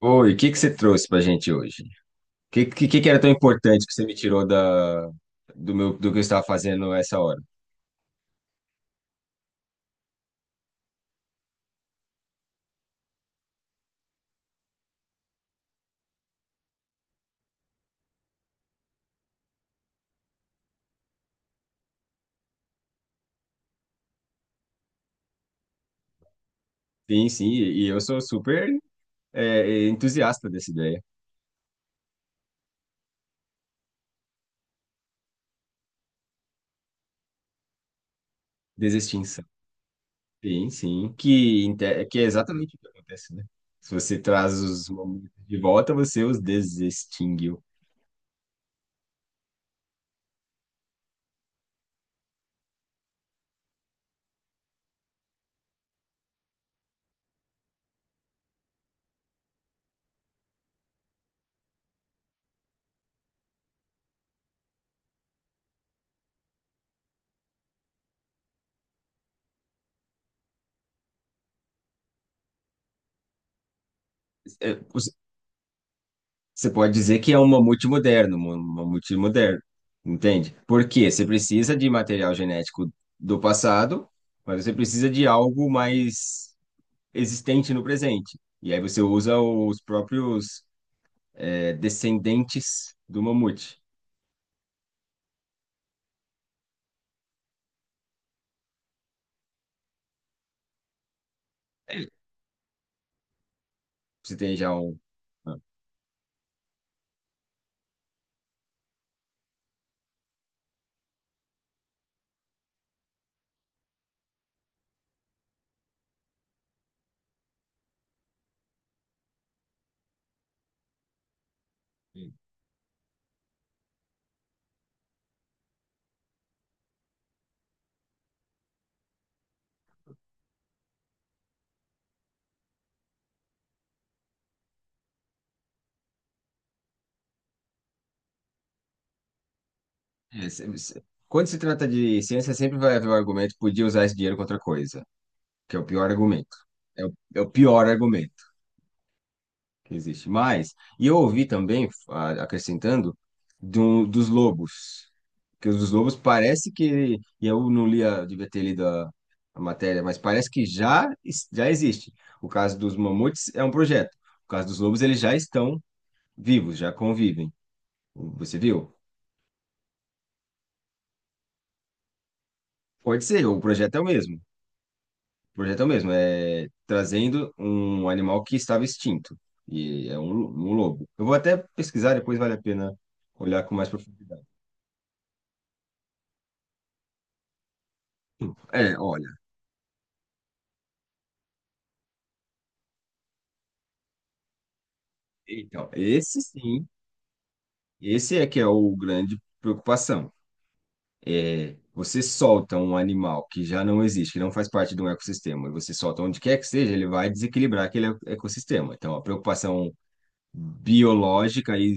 Oi, o que que você trouxe pra gente hoje? O que que era tão importante que você me tirou do que eu estava fazendo essa hora? Sim, sim, e eu sou super entusiasta dessa ideia. Desextinção. Sim, sim, que é exatamente o que acontece, né? Se você traz os momentos de volta, você os desextinguiu. Você pode dizer que é um mamute moderno, entende? Porque você precisa de material genético do passado, mas você precisa de algo mais existente no presente. E aí você usa os próprios descendentes do mamute. Você tem já um. ah, É, se- se- Quando se trata de ciência, sempre vai haver o argumento, podia usar esse dinheiro contra outra coisa, que é o pior argumento. É o pior argumento que existe. Mas, e eu ouvi também, acrescentando, dos lobos. Que os lobos parece que, e eu não li, devia ter lido a matéria, mas parece que já, já existe. O caso dos mamutes é um projeto. O caso dos lobos, eles já estão vivos, já convivem. Você viu? Pode ser, o projeto é o mesmo. O projeto é o mesmo, é trazendo um animal que estava extinto. E é um lobo. Eu vou até pesquisar, depois vale a pena olhar com mais profundidade. É, olha. Então, esse é que é o grande preocupação. É, você solta um animal que já não existe, que não faz parte de um ecossistema, e você solta onde quer que seja, ele vai desequilibrar aquele ecossistema. Então, a preocupação biológica e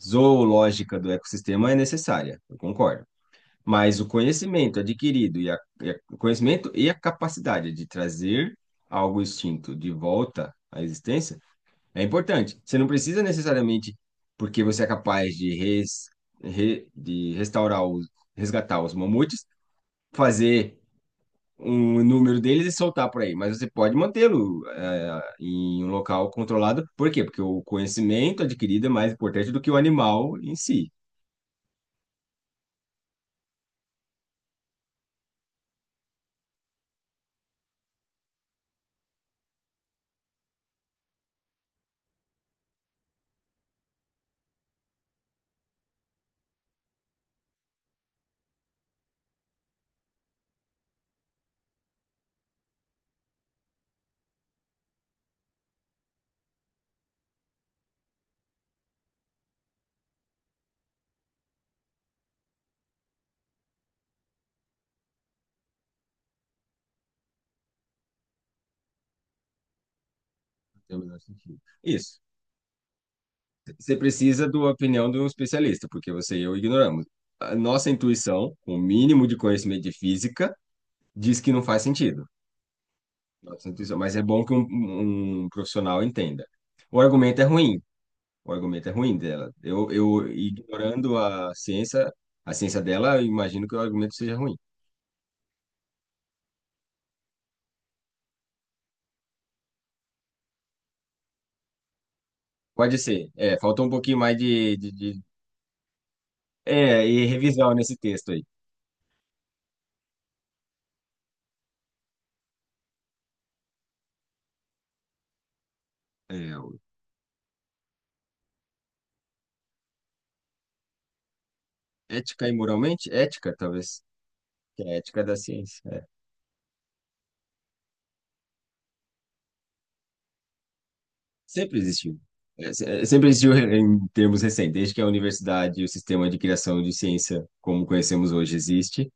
zoológica do ecossistema é necessária, eu concordo. Mas o conhecimento adquirido o conhecimento e a capacidade de trazer algo extinto de volta à existência é importante. Você não precisa necessariamente, porque você é capaz de restaurar resgatar os mamutes, fazer um número deles e soltar por aí. Mas você pode mantê-lo, em um local controlado. Por quê? Porque o conhecimento adquirido é mais importante do que o animal em si. Tem o menor sentido. Isso. Você precisa da opinião de um especialista, porque você e eu ignoramos. A nossa intuição, com o mínimo de conhecimento de física, diz que não faz sentido. Nossa intuição. Mas é bom que um profissional entenda. O argumento é ruim. O argumento é ruim dela. Eu ignorando a ciência, dela, eu imagino que o argumento seja ruim. Pode ser. É, faltou um pouquinho mais de. É, e revisão nesse texto aí. É, o- ética e moralmente? Ética, talvez. Que é a ética da ciência. É. Sempre existiu. Sempre existiu em termos recentes, desde que a universidade e o sistema de criação de ciência, como conhecemos hoje, existe.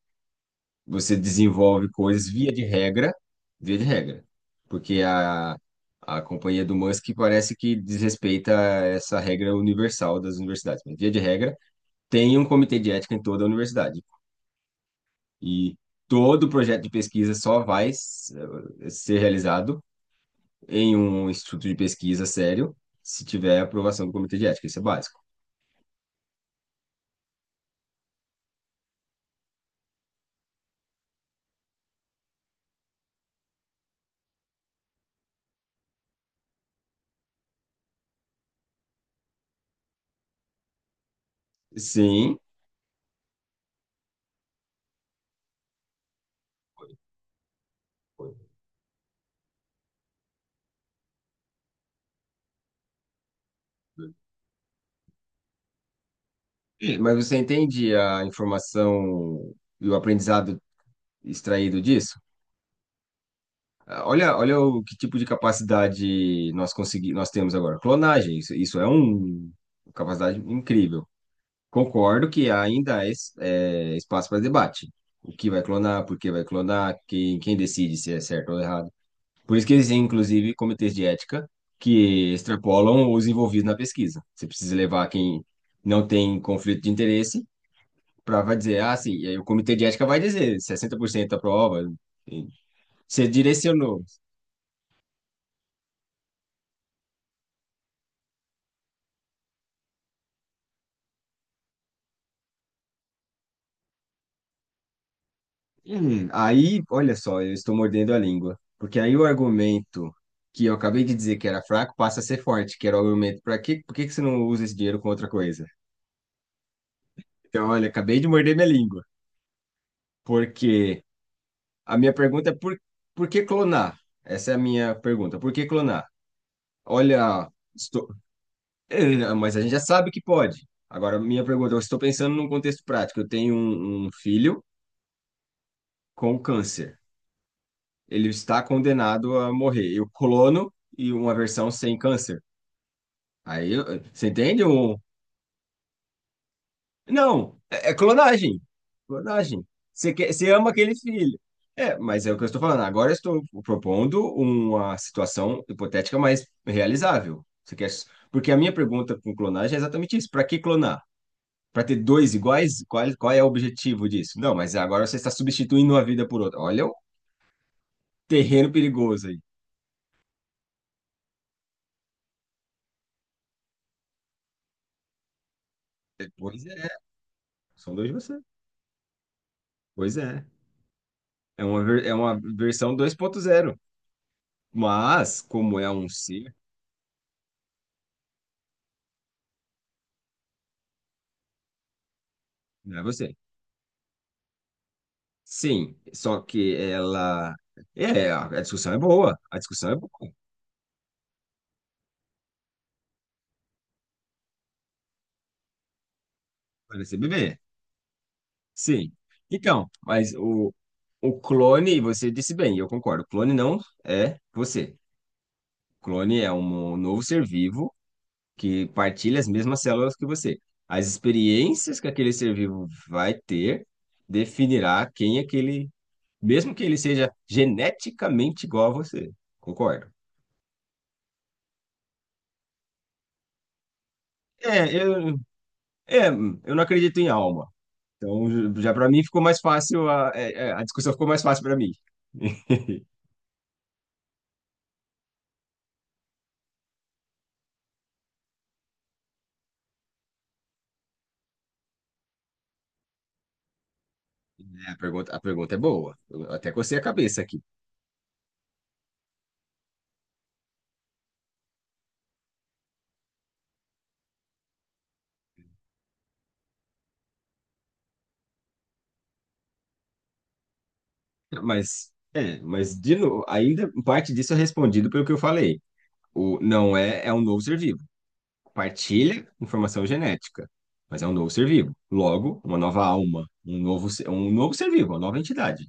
Você desenvolve coisas via de regra, porque a companhia do Musk parece que desrespeita essa regra universal das universidades, mas via de regra tem um comitê de ética em toda a universidade e todo projeto de pesquisa só vai ser realizado em um instituto de pesquisa sério se tiver aprovação do comitê de ética, isso é básico. Sim, mas você entende a informação e o aprendizado extraído disso? Ah, olha, olha o que tipo de capacidade nós temos agora. Clonagem, isso é uma capacidade incrível. Concordo que ainda há espaço para debate. O que vai clonar, por que vai clonar, quem decide se é certo ou errado. Por isso que existem, inclusive, comitês de ética que extrapolam os envolvidos na pesquisa. Você precisa levar quem não tem conflito de interesse para dizer, ah, sim, e aí o comitê de ética vai dizer 60% aprova. e Você direcionou. Aí, olha só, eu estou mordendo a língua, porque aí o argumento que eu acabei de dizer que era fraco passa a ser forte, que era o argumento por que que você não usa esse dinheiro com outra coisa? Então, olha, acabei de morder minha língua, porque a minha pergunta é por que clonar? Essa é a minha pergunta, por que clonar? Olha, estou... Mas a gente já sabe que pode. Agora, minha pergunta, eu estou pensando num contexto prático, eu tenho um filho com câncer. Ele está condenado a morrer. E o clono e uma versão sem câncer. Aí, você entende? Não, é clonagem. Clonagem. Você quer, você ama aquele filho. É, mas é o que eu estou falando. Agora eu estou propondo uma situação hipotética, mas realizável. Você quer... Porque a minha pergunta com clonagem é exatamente isso. Para que clonar? Para ter dois iguais? Qual é o objetivo disso? Não, mas agora você está substituindo uma vida por outra. Olha o terreno perigoso aí. É, pois é, são dois de você. Pois é. É uma versão 2.0, mas como é um ser, não é você. Sim, só que ela. É, a discussão é boa. A discussão é boa. Para Parece bebê. Sim. Então, mas o clone, você disse bem, eu concordo. O clone não é você. O clone é um novo ser vivo que partilha as mesmas células que você. As experiências que aquele ser vivo vai ter definirá quem aquele mesmo que ele seja geneticamente igual a você. Concordo. É, é, eu não acredito em alma. Então, já para mim ficou mais fácil, a discussão ficou mais fácil para mim. É, a pergunta é boa. Eu até cocei a cabeça aqui. Mas de novo, ainda parte disso é respondido pelo que eu falei. O não é, é um novo ser vivo. Partilha informação genética, mas é um novo ser vivo. Logo, uma nova alma, um novo ser vivo, uma nova entidade.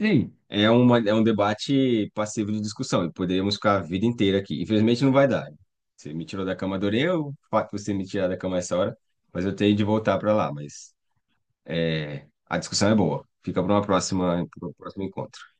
Sim, é, uma, é um debate passivo de discussão e poderíamos ficar a vida inteira aqui. Infelizmente não vai dar. Você me tirou da cama, adorei o fato de você me tirar da cama essa hora, mas eu tenho de voltar para lá. Mas a discussão é boa. Fica para uma próxima, para um próximo encontro.